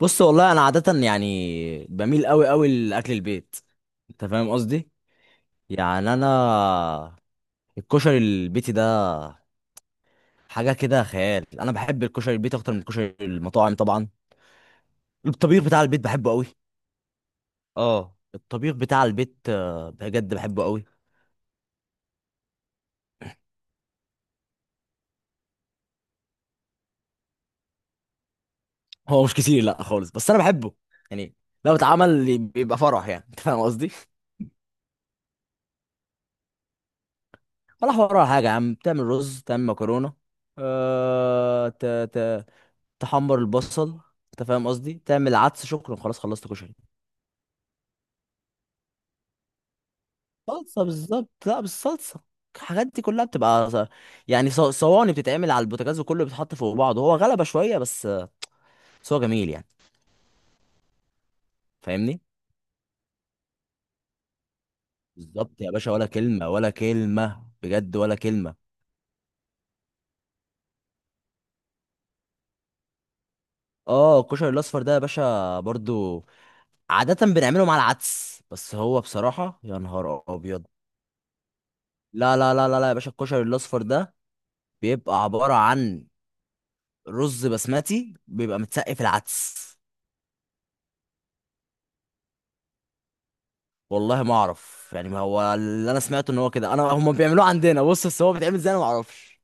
بص، والله انا عاده يعني بميل قوي قوي لاكل البيت. انت فاهم قصدي. يعني انا الكشري البيتي ده حاجه كده خيال. انا بحب الكشري البيتي اكتر من الكشري المطاعم طبعا. الطبيخ بتاع البيت بحبه قوي. اه، الطبيخ بتاع البيت بجد بحبه قوي. هو مش كتير، لا خالص، بس انا بحبه يعني. لو اتعمل بيبقى فرح يعني. انت فاهم قصدي. ولا حوار ولا حاجه يا عم، بتعمل رز، تعمل مكرونه، أه... ت... ت... تحمر البصل، انت فاهم قصدي، تعمل عدس، شكرا خلاص خلصت كشري. صلصه، بالظبط، لا بالصلصه. الحاجات دي كلها بتبقى صواني، بتتعمل على البوتاجاز وكله بيتحط فوق بعضه. هو غلبه شويه بس، بس هو جميل يعني. فاهمني بالظبط يا باشا، ولا كلمه، ولا كلمه، بجد ولا كلمه. اه، الكشري الاصفر ده يا باشا برضو عاده بنعمله مع العدس، بس هو بصراحه يا نهار ابيض. لا لا لا لا لا يا باشا، الكشري الاصفر ده بيبقى عباره عن رز بسمتي، بيبقى متسقف العدس. والله ما اعرف يعني، ما هو اللي انا سمعته ان هو كده، انا هم بيعملوه عندنا بص، بس هو بيتعمل ازاي انا ما اعرفش.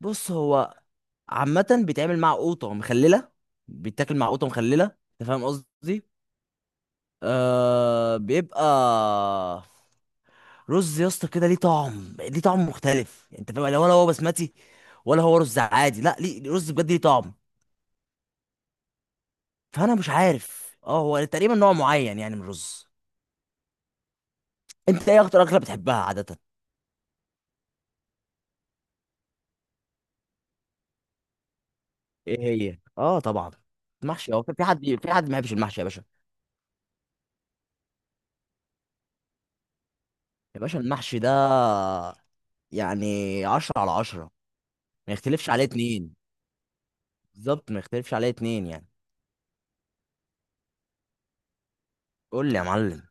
بص هو عامه بيتعمل مع قوطه مخلله، بيتاكل مع قوطه مخلله، انت فاهم قصدي. آه بيبقى رز يا اسطى كده ليه طعم، ليه طعم مختلف يعني، انت فاهم يعني، ولا هو بسمتي ولا هو رز عادي، لا ليه رز بجد ليه طعم. فانا مش عارف، اه هو تقريبا نوع معين يعني من الرز. انت ايه اكتر اكله بتحبها عاده؟ ايه هي؟ اه طبعا. المحشي، هو في حد، في حد ما بيحبش المحشي يا باشا؟ يا باشا المحشي ده يعني عشرة على عشرة، ما يختلفش عليه اتنين. بالظبط ما يختلفش عليه اتنين يعني. قول لي يا معلم.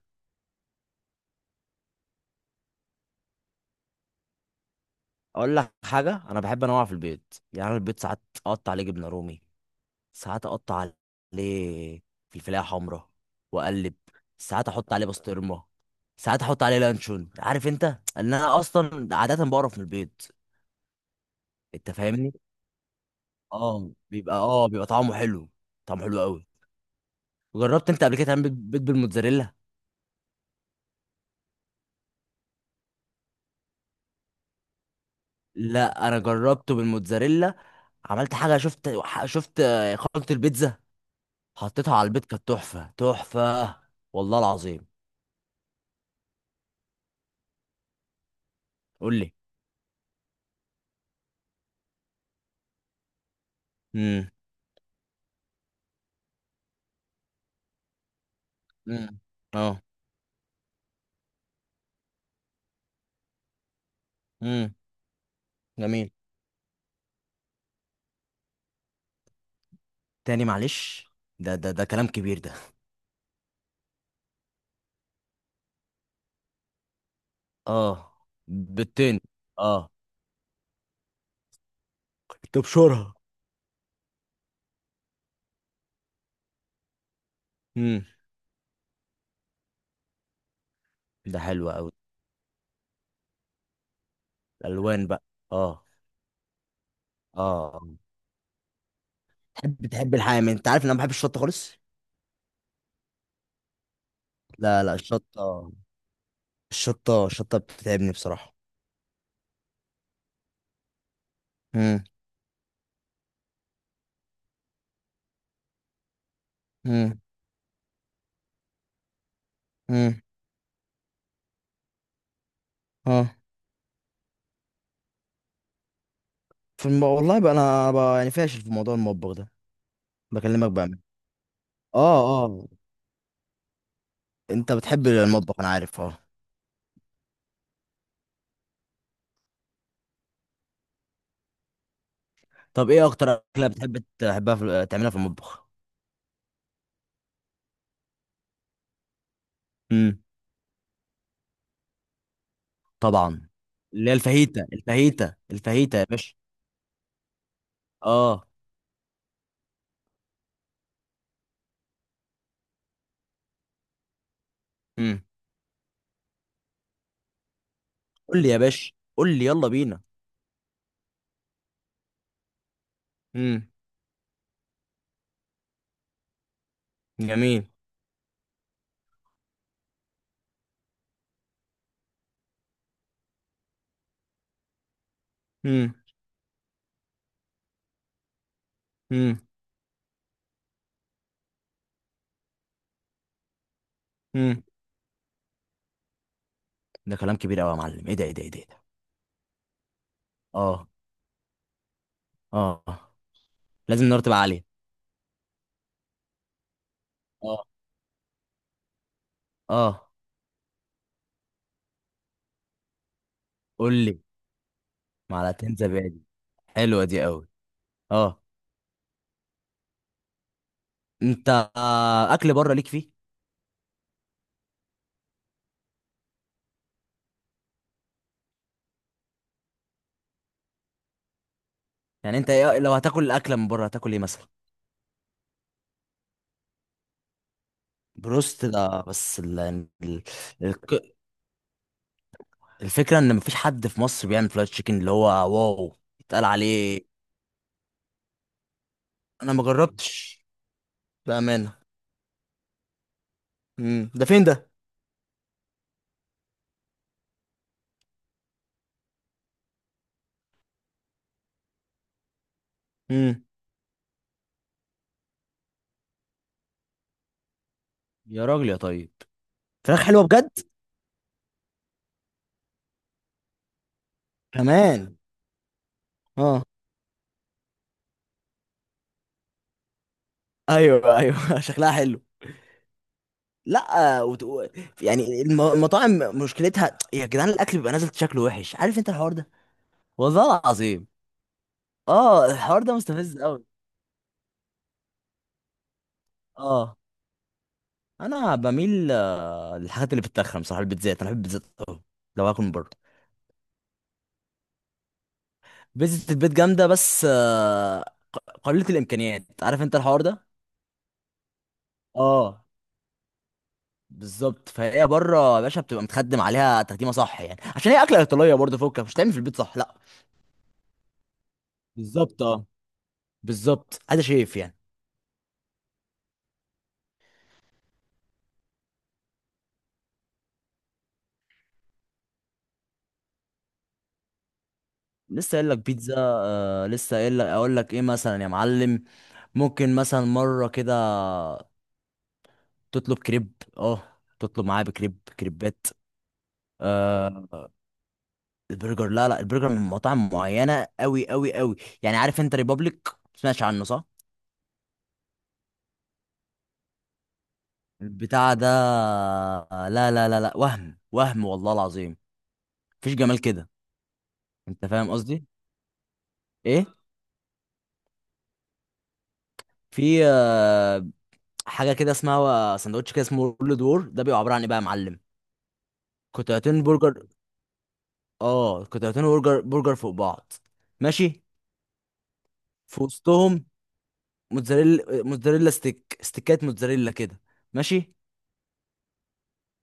اقول لك حاجة، انا بحب انوع في البيض يعني. أنا البيض ساعات اقطع عليه جبنة رومي، ساعات اقطع عليه فلفلاية حمراء واقلب، ساعات احط عليه بسطرمة، ساعات احط عليه لانشون. عارف انت ان انا اصلا عادة بقرف من البيض. انت فاهمني. اه بيبقى، اه بيبقى طعمه حلو، طعمه حلو قوي. جربت انت قبل كده تعمل بيض بالموتزاريلا؟ لا انا جربته بالموتزاريلا. عملت حاجه، شفت شفت خلطه البيتزا، حطيتها على البيض، كانت تحفه تحفه، والله العظيم. قول لي. امم. امم. اه. امم. جميل. تاني معلش، ده كلام كبير ده. اه. بالتاني. اه. تبشرها. امم. ده حلو قوي، الالوان بقى. اه. اه. تحب، الحامي انت؟ عارف ان انا ما بحبش الشطه خالص. لا لا الشطه، الشطه بتتعبني بصراحه. امم. امم. امم. اه. في والله بقى انا بقى يعني فاشل في موضوع المطبخ ده. بكلمك بقى. اه اه. انت بتحب المطبخ انا عارف، اه. طب ايه اكتر اكله بتحب تعملها في المطبخ؟ امم. طبعا، اللي هي الفاهيتا، الفاهيتا يا باشا. اه. امم. قول لي يا باشا، قول لي يلا بينا. امم. جميل. امم. امم. ده كلام كبير قوي يا معلم، ايه ده، ايه ده، ايه ده، إيه ده؟ اه. اه. آه. لازم النار تبقى عاليه. اه. اه. قول لي. معلقتين زبادي، حلوه دي قوي. اه. انت اكل بره ليك فيه؟ يعني انت إيه لو هتاكل اكله من بره؟ هتاكل ايه مثلا؟ بروست ده بس الك- الفكره ان مفيش حد في مصر بيعمل فرايد تشيكن اللي هو واو يتقال عليه. انا ما جربتش، بامانه. امم، ده فين ده؟ امم. يا راجل يا طيب، فراخ حلوه بجد. كمان. اه. ايوه ايوه. شكلها حلو. لا وتقو... يعني المطاعم مشكلتها يا جدعان الاكل بيبقى نازل شكله وحش، عارف انت الحوار ده، والله العظيم. اه الحوار ده مستفز قوي. اه انا بميل للحاجات اللي بتتخن بصراحه. البيتزات انا بحب البيتزات قوي لو هاكل من بره. بيتزا البيت جامده بس قليله الامكانيات، عارف انت الحوار ده. اه. بالظبط، فهي بره يا باشا بتبقى متخدم عليها تخديمه صح يعني، عشان هي اكله ايطاليه برضه، فوكك مش تعمل في البيت صح، لا. بالظبط اه، بالظبط ادي شايف يعني. لسه قايل لك بيتزا، آه لسه قايل لك اقول لك ايه مثلا يا معلم. ممكن مثلا مره كده تطلب كريب، اه تطلب معاه بكريب، كريبات. آه البرجر، لا لا، البرجر من مطاعم معينه قوي قوي قوي يعني. عارف انت ريبابليك؟ سمعتش عنه صح؟ البتاع ده لا لا لا لا، وهم وهم والله العظيم، مفيش جمال كده، انت فاهم قصدي. ايه؟ في حاجه كده اسمها سندوتش كده اسمه رول دور، ده بيبقى عباره عن ايه بقى يا معلم؟ قطعتين برجر، اه قطعتين برجر، برجر فوق بعض. ماشي. في وسطهم موتزاريلا، ستيك، موتزاريلا كده. ماشي.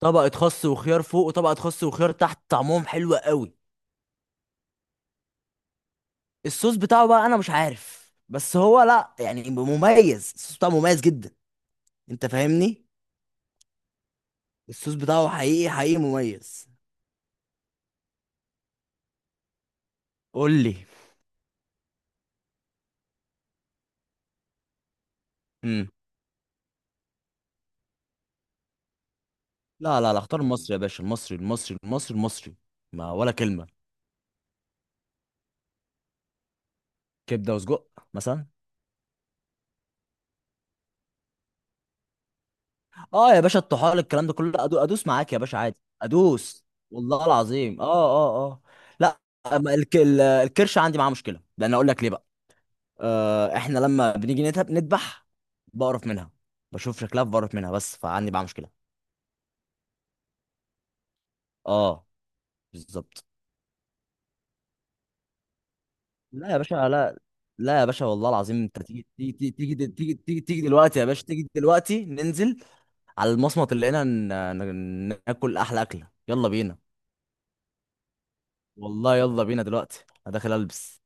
طبقة خس وخيار فوق، وطبقة خس وخيار تحت، طعمهم حلو قوي. الصوص بتاعه بقى انا مش عارف، بس هو لا يعني مميز، الصوص بتاعه مميز جدا، انت فاهمني. الصوص بتاعه حقيقي حقيقي مميز. قول لي. امم. لا لا لا، اختار المصري يا باشا، المصري المصري المصري، ما ولا كلمة. كبدة وسجق مثلا. اه يا باشا، الطحال، الكلام ده كله لا، ادوس معاك يا باشا عادي، ادوس، والله العظيم، اه اه اه. لا، أما الكرش عندي معاه مشكله، لان اقول لك ليه بقى. آه احنا لما بنيجي نذبح، بقرف منها، بشوف شكلها بقرف منها، بس فعندي معاه مشكله. اه. بالظبط. لا يا باشا لا، لا يا باشا والله العظيم، انت تيجي دلوقتي يا باشا، تيجي دلوقتي ننزل على المصمت اللي هنا، ناكل احلى اكله، يلا بينا. والله يلا بينا دلوقتي، انا داخل البس.